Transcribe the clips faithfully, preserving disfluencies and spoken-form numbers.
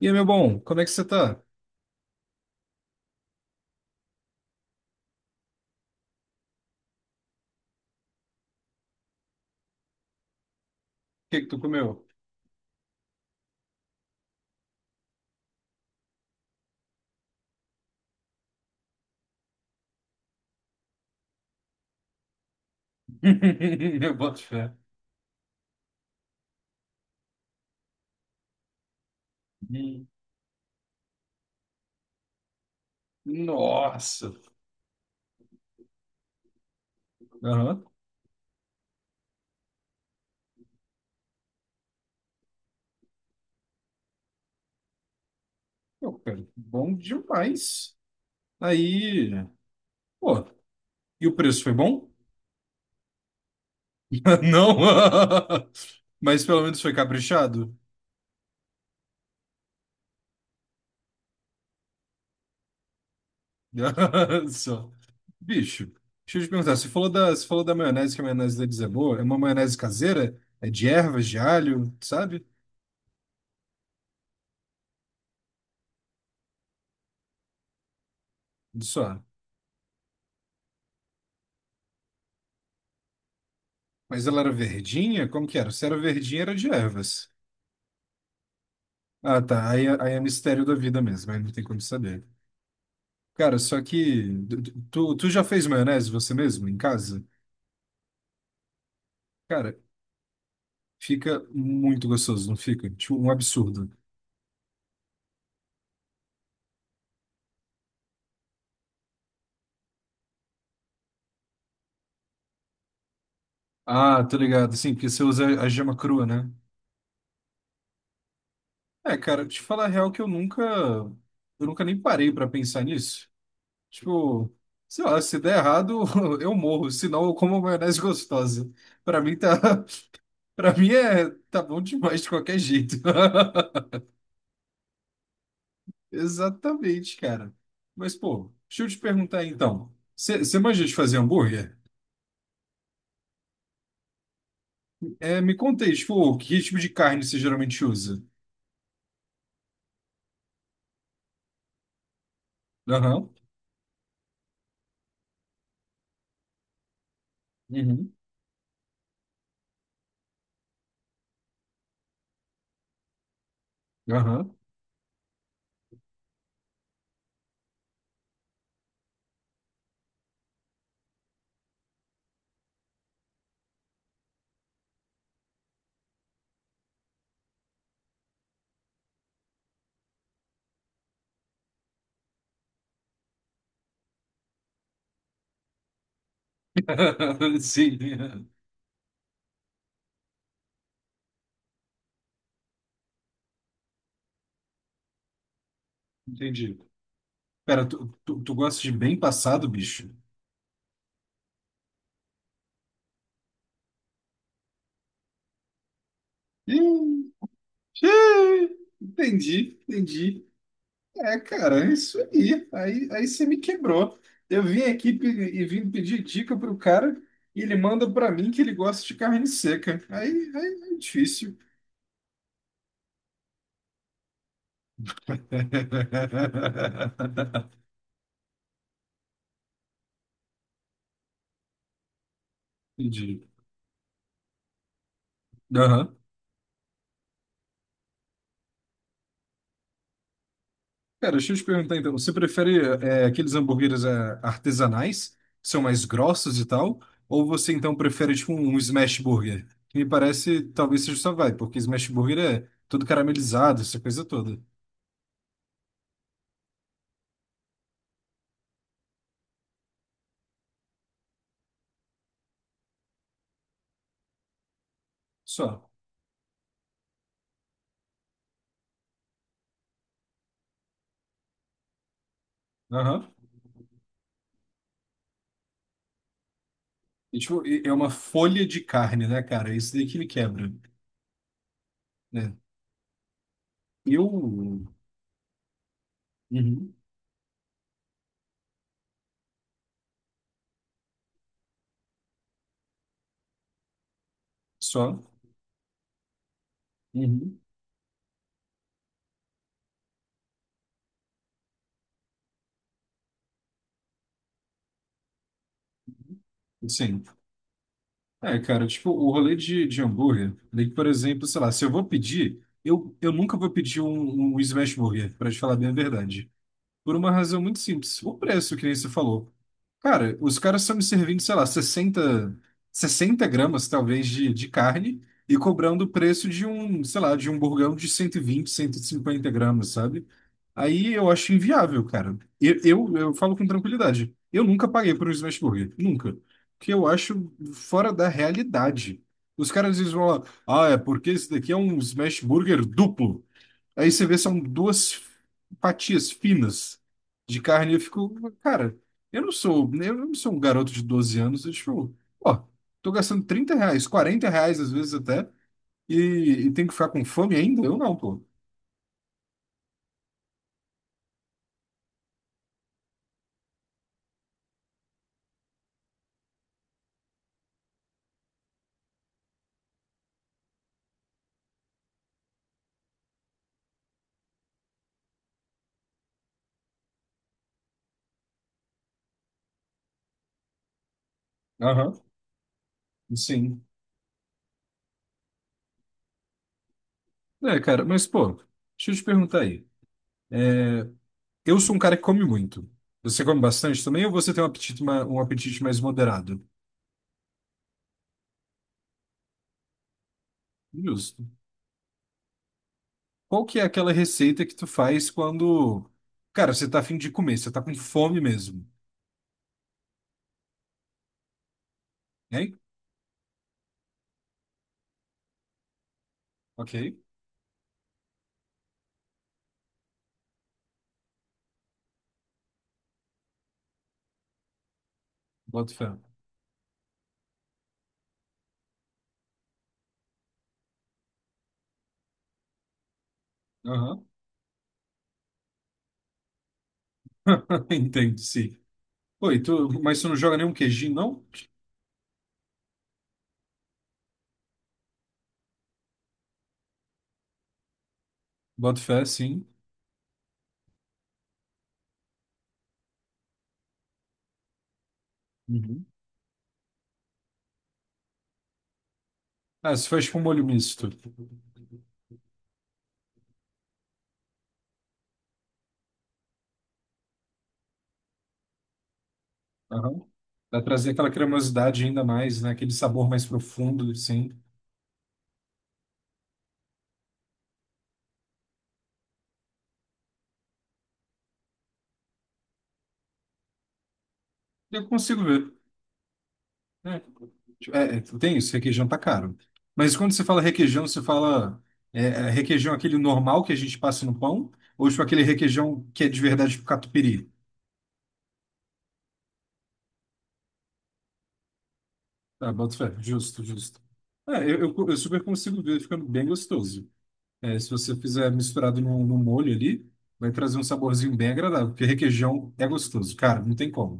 E aí, meu bom, como é que você tá? O que que tu comeu? Eu boto fé. Hum. Nossa. Aham. Pô, cara, bom demais. Aí, pô, e o preço foi bom? Não. Mas pelo menos foi caprichado? Só. Bicho, deixa eu te perguntar, você falou da, você falou da maionese, que a maionese deles é boa. É uma maionese caseira? É de ervas, de alho, sabe? Só. Mas ela era verdinha? Como que era? Se era verdinha, era de ervas. Ah, tá. Aí, é- aí é mistério da vida mesmo, aí não tem como saber. Cara, só que tu, tu já fez maionese você mesmo em casa? Cara, fica muito gostoso, não fica? Tipo, um absurdo. Ah, tô ligado. Sim, porque você usa a gema crua, né? É, cara, te falar a real que eu nunca, eu nunca nem parei pra pensar nisso. Tipo, sei lá, se der errado, eu morro, senão eu como maionese gostosa. Pra mim tá, Para mim é tá bom demais de qualquer jeito. Exatamente, cara. Mas, pô, deixa eu te perguntar aí, então. Você manja de fazer hambúrguer? É, me conta aí, tipo, que tipo de carne você geralmente usa? Aham. Uhum. Aham. Sim. Entendi. Pera, tu, tu, tu gosta de bem passado, bicho? Ih, ih, entendi, entendi. É, cara, é isso aí. Aí, aí você me quebrou. Eu vim aqui pe- e vim pedir dica pro cara e ele manda pra mim que ele gosta de carne seca. Aí, aí é difícil. Entendi. Aham. Cara, deixa eu te perguntar então. Você prefere é, aqueles hambúrgueres é, artesanais, que são mais grossos e tal? Ou você então prefere tipo um smash burger? Que me parece talvez seja só vai, porque smash burger é todo caramelizado, essa coisa toda. Só. Aham. E, tipo, e- é uma folha de carne, né, cara? É isso daí que ele quebra, né? Eu... Uhum. Só? Uhum. Sim. É, cara, tipo, o rolê de, de, hambúrguer, daí, por exemplo, sei lá, se eu vou pedir, eu, eu nunca vou pedir um, um smash burger, pra te falar bem a verdade. Por uma razão muito simples. O preço, que nem você falou. Cara, os caras estão me servindo, sei lá, sessenta sessenta gramas, talvez, de, de carne e cobrando o preço de um, sei lá, de um burgão de cento cento e vinte, cento e cinquenta gramas, sabe? Aí eu acho inviável, cara. Eu, eu, eu falo com tranquilidade. Eu nunca paguei por um smash burger. Nunca. Porque eu acho fora da realidade. Os caras às vezes vão lá, ah, é porque esse daqui é um smash burger duplo. Aí você vê, são duas fatias finas de carne. E eu fico, cara, eu não sou, eu não sou um garoto de doze anos. Eu tipo, ó, tô gastando trinta reais, quarenta reais às vezes até, e, e tenho que ficar com fome ainda? Eu não, pô. Aham, sim. É, cara, mas, pô, deixa eu te perguntar aí. Eu sou um cara que come muito. Você come bastante também ou você tem um apetite, ma- um apetite mais moderado? Justo. Qual que é aquela receita que tu faz quando, cara, você tá afim de comer, você tá com fome mesmo? Hein? Ok, boto fé. Aham, entendo, sim. Oi, tu, mas tu não joga nenhum queijinho, não? Boto fé, sim. Uhum. Ah, se faz com molho misto. Aham. Pra trazer aquela cremosidade ainda mais, né? Aquele sabor mais profundo, assim. Eu consigo ver, né? É, é, tem isso, requeijão tá caro. Mas quando você fala requeijão, você fala é, é, requeijão aquele normal que a gente passa no pão? Ou tipo aquele requeijão que é de verdade pro catupiry? Ah, boto fé. Justo, justo. É, eu, eu, eu super consigo ver ficando bem gostoso. É, se você fizer misturado no, no, molho ali, vai trazer um saborzinho bem agradável, porque requeijão é gostoso, cara, não tem como.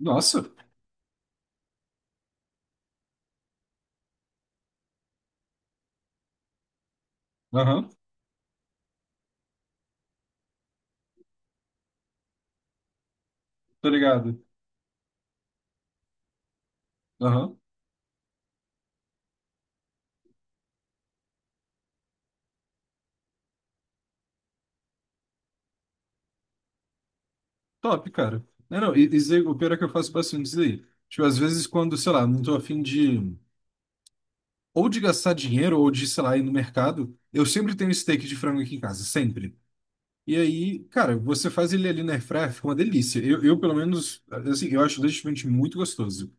Nossa, aham, tô ligado. Aham, top, cara. Não, não, e- isso aí, o pior é que eu faço bastante isso aí. Tipo, às vezes quando, sei lá, não tô afim de, ou de gastar dinheiro, ou de, sei lá, ir no mercado, eu sempre tenho steak de frango aqui em casa, sempre. E aí, cara, você faz ele ali na airfryer, fica uma delícia. Eu, eu, pelo menos, assim, eu acho legitimamente muito gostoso.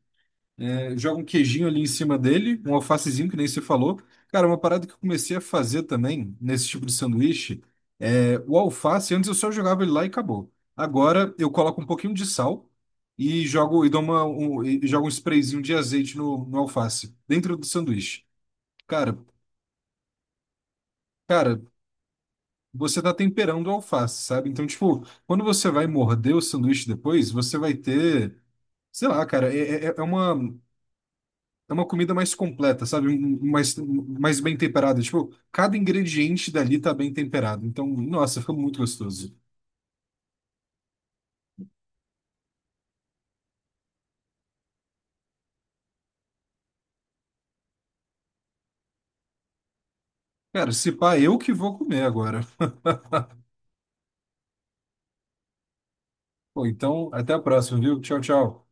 É, joga um queijinho ali em cima dele, um alfacezinho, que nem você falou. Cara, uma parada que eu comecei a fazer também, nesse tipo de sanduíche, é, o alface, antes eu só jogava ele lá e acabou. Agora eu coloco um pouquinho de sal e jogo, e dou uma, um, e jogo um sprayzinho de azeite no, no, alface, dentro do sanduíche. Cara, cara, você tá temperando a alface, sabe? Então, tipo, quando você vai morder o sanduíche depois, você vai ter, sei lá, cara, é, é, é uma, é uma comida mais completa, sabe? Um- um- Mais, um- mais bem temperada. Tipo, cada ingrediente dali tá bem temperado. Então, nossa, ficou muito gostoso. Cara, se pá, eu que vou comer agora. Pô, então, até a próxima, viu? Tchau, tchau.